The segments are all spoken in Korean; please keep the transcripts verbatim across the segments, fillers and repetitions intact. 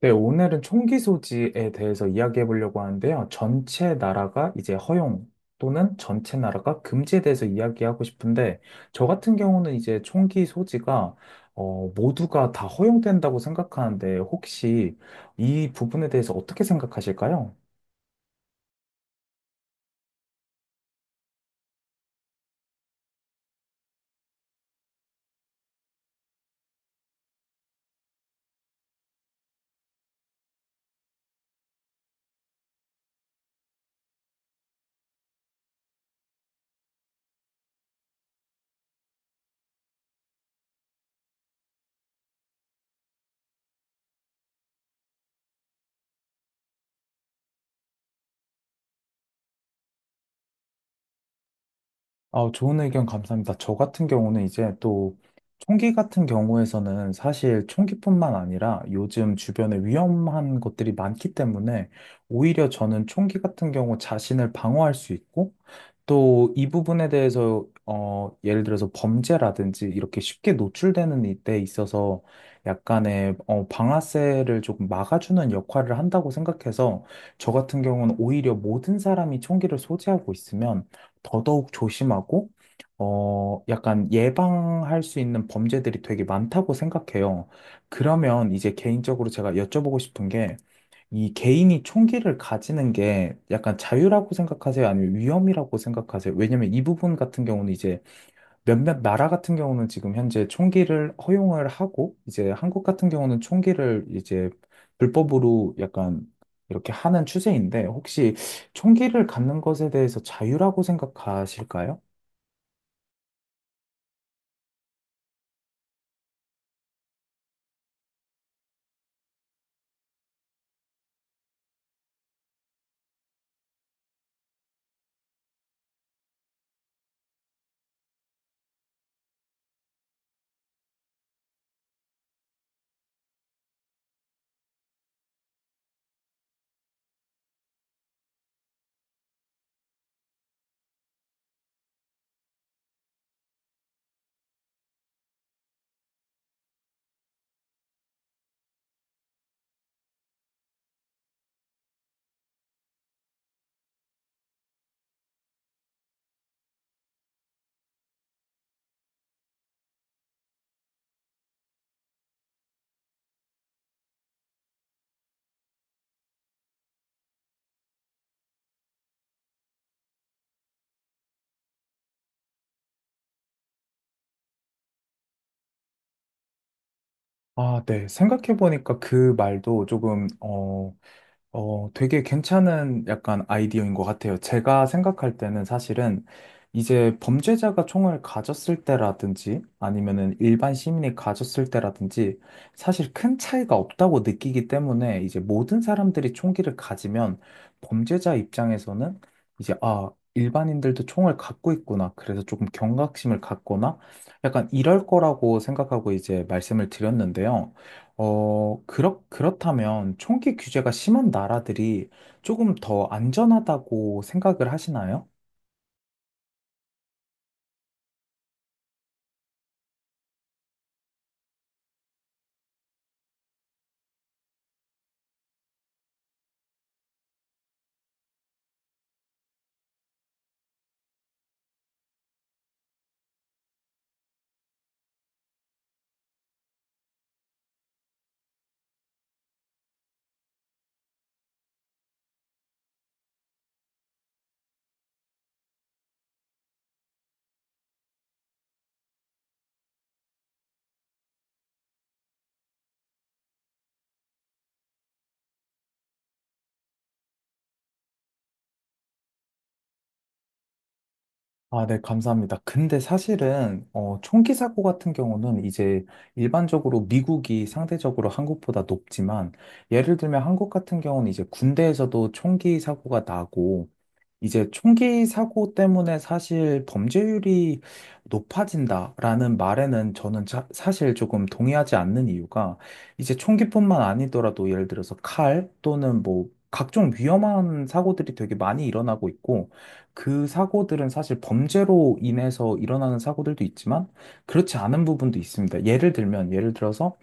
네, 오늘은 총기 소지에 대해서 이야기해 보려고 하는데요. 전체 나라가 이제 허용 또는 전체 나라가 금지에 대해서 이야기하고 싶은데, 저 같은 경우는 이제 총기 소지가 어, 모두가 다 허용된다고 생각하는데, 혹시 이 부분에 대해서 어떻게 생각하실까요? 아, 좋은 의견 감사합니다. 저 같은 경우는 이제 또 총기 같은 경우에서는 사실 총기뿐만 아니라 요즘 주변에 위험한 것들이 많기 때문에 오히려 저는 총기 같은 경우 자신을 방어할 수 있고 또 이 부분에 대해서 어, 예를 들어서 범죄라든지 이렇게 쉽게 노출되는 이- 데 있어서 약간의 어, 방아쇠를 조금 막아주는 역할을 한다고 생각해서 저 같은 경우는 오히려 모든 사람이 총기를 소지하고 있으면 더더욱 조심하고, 어, 약간 예방할 수 있는 범죄들이 되게 많다고 생각해요. 그러면 이제 개인적으로 제가 여쭤보고 싶은 게, 이 개인이 총기를 가지는 게 약간 자유라고 생각하세요? 아니면 위험이라고 생각하세요? 왜냐면 이 부분 같은 경우는 이제 몇몇 나라 같은 경우는 지금 현재 총기를 허용을 하고, 이제 한국 같은 경우는 총기를 이제 불법으로 약간 이렇게 하는 추세인데, 혹시 총기를 갖는 것에 대해서 자유라고 생각하실까요? 아, 네. 생각해보니까 그 말도 조금, 어... 어, 되게 괜찮은 약간 아이디어인 것 같아요. 제가 생각할 때는 사실은 이제 범죄자가 총을 가졌을 때라든지 아니면은 일반 시민이 가졌을 때라든지 사실 큰 차이가 없다고 느끼기 때문에 이제 모든 사람들이 총기를 가지면 범죄자 입장에서는 이제 아, 일반인들도 총을 갖고 있구나. 그래서 조금 경각심을 갖거나 약간 이럴 거라고 생각하고 이제 말씀을 드렸는데요. 어, 그렇, 그렇다면 총기 규제가 심한 나라들이 조금 더 안전하다고 생각을 하시나요? 아, 네, 감사합니다. 근데 사실은, 어, 총기 사고 같은 경우는 이제 일반적으로 미국이 상대적으로 한국보다 높지만, 예를 들면 한국 같은 경우는 이제 군대에서도 총기 사고가 나고, 이제 총기 사고 때문에 사실 범죄율이 높아진다라는 말에는 저는 자- 사실 조금 동의하지 않는 이유가 이제 총기뿐만 아니더라도 예를 들어서 칼 또는 뭐 각종 위험한 사고들이 되게 많이 일어나고 있고 그 사고들은 사실 범죄로 인해서 일어나는 사고들도 있지만 그렇지 않은 부분도 있습니다. 예를 들면 예를 들어서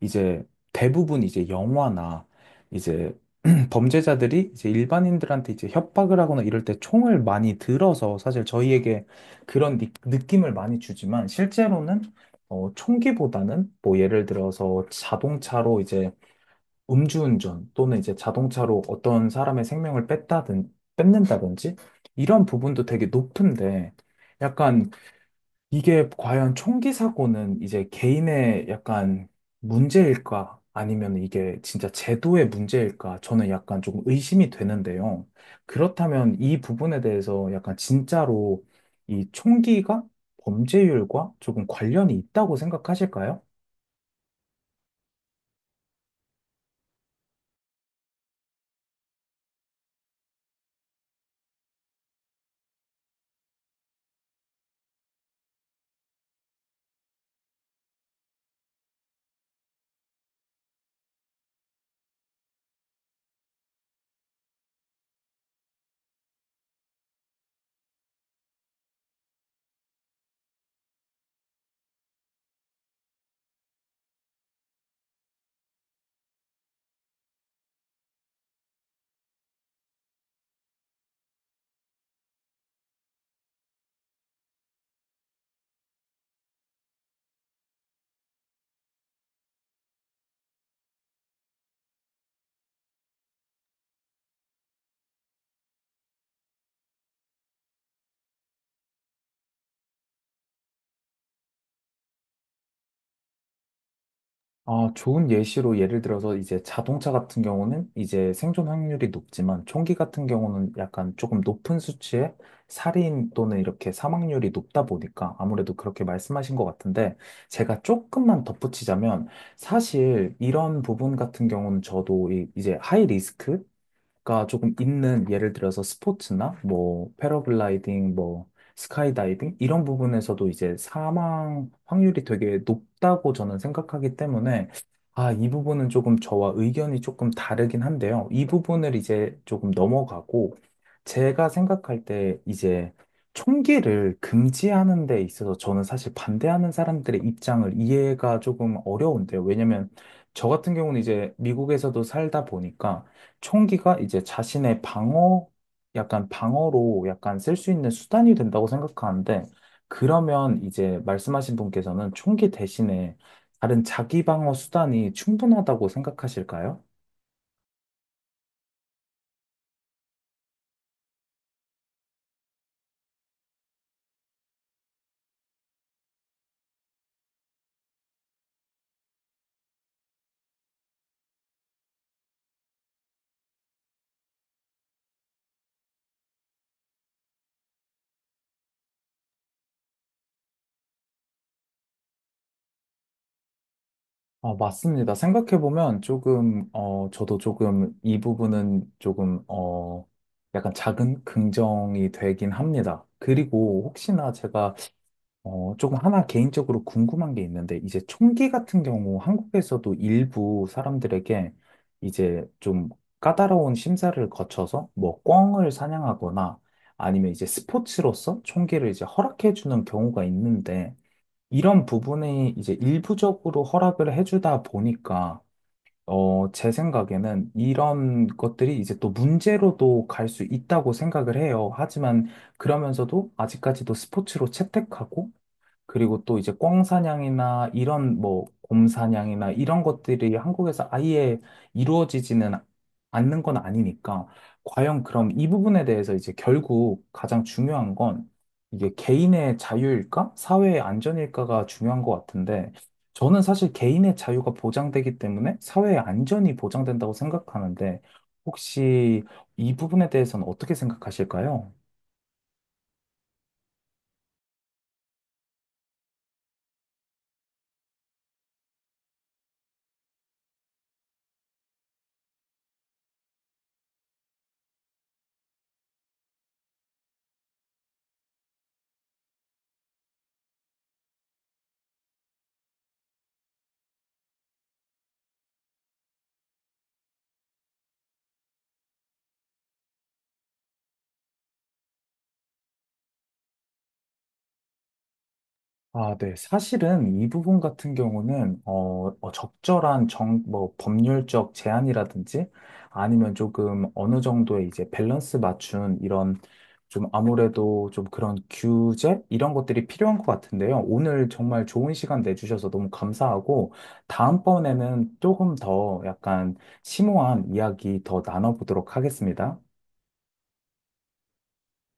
이제 대부분 이제 영화나 이제 범죄자들이 이제 일반인들한테 이제 협박을 하거나 이럴 때 총을 많이 들어서 사실 저희에게 그런 니- 느낌을 많이 주지만 실제로는 어, 총기보다는 뭐 예를 들어서 자동차로 이제 음주운전 또는 이제 자동차로 어떤 사람의 생명을 뺐다든 뺏는다든지 이런 부분도 되게 높은데 약간 이게 과연 총기 사고는 이제 개인의 약간 문제일까? 아니면 이게 진짜 제도의 문제일까? 저는 약간 조금 의심이 되는데요. 그렇다면 이 부분에 대해서 약간 진짜로 이 총기가 범죄율과 조금 관련이 있다고 생각하실까요? 아, 좋은 예시로 예를 들어서 이제 자동차 같은 경우는 이제 생존 확률이 높지만 총기 같은 경우는 약간 조금 높은 수치의 살인 또는 이렇게 사망률이 높다 보니까 아무래도 그렇게 말씀하신 것 같은데 제가 조금만 덧붙이자면 사실 이런 부분 같은 경우는 저도 이- 이제 하이 리스크 가 조금 있는 예를 들어서 스포츠나 뭐 패러글라이딩 뭐 스카이다이빙 이런 부분에서도 이제 사망 확률이 되게 높다고 저는 생각하기 때문에 아, 이 부분은 조금 저와 의견이 조금 다르긴 한데요. 이 부분을 이제 조금 넘어가고 제가 생각할 때 이제 총기를 금지하는 데 있어서 저는 사실 반대하는 사람들의 입장을 이해가 조금 어려운데요. 왜냐면 저 같은 경우는 이제 미국에서도 살다 보니까 총기가 이제 자신의 방어, 약간 방어로 약간 쓸 수 있는 수단이 된다고 생각하는데, 그러면 이제 말씀하신 분께서는 총기 대신에 다른 자기 방어 수단이 충분하다고 생각하실까요? 어, 맞습니다. 생각해보면 조금, 어, 저도 조금 이 부분은 조금, 어, 약간 작은 긍정이 되긴 합니다. 그리고 혹시나 제가 어, 조금 하나 개인적으로 궁금한 게 있는데, 이제 총기 같은 경우 한국에서도 일부 사람들에게 이제 좀 까다로운 심사를 거쳐서 뭐 꿩을 사냥하거나 아니면 이제 스포츠로서 총기를 이제 허락해주는 경우가 있는데, 이런 부분이 이제 일부적으로 허락을 해주다 보니까, 어, 제 생각에는 이런 것들이 이제 또 문제로도 갈 수 있다고 생각을 해요. 하지만 그러면서도 아직까지도 스포츠로 채택하고, 그리고 또 이제 꿩사냥이나 이런 뭐 곰사냥이나 이런 것들이 한국에서 아예 이루어지지는 않는 건 아니니까 과연 그럼 이 부분에 대해서 이제 결국 가장 중요한 건 이게 개인의 자유일까? 사회의 안전일까가 중요한 것 같은데 저는 사실 개인의 자유가 보장되기 때문에 사회의 안전이 보장된다고 생각하는데 혹시 이 부분에 대해서는 어떻게 생각하실까요? 아, 네. 사실은 이 부분 같은 경우는, 어, 어, 적절한 정, 뭐, 법률적 제한이라든지 아니면 조금 어느 정도의 이제 밸런스 맞춘 이런 좀 아무래도 좀 그런 규제? 이런 것들이 필요한 것 같은데요. 오늘 정말 좋은 시간 내주셔서 너무 감사하고, 다음번에는 조금 더 약간 심오한 이야기 더 나눠보도록 하겠습니다.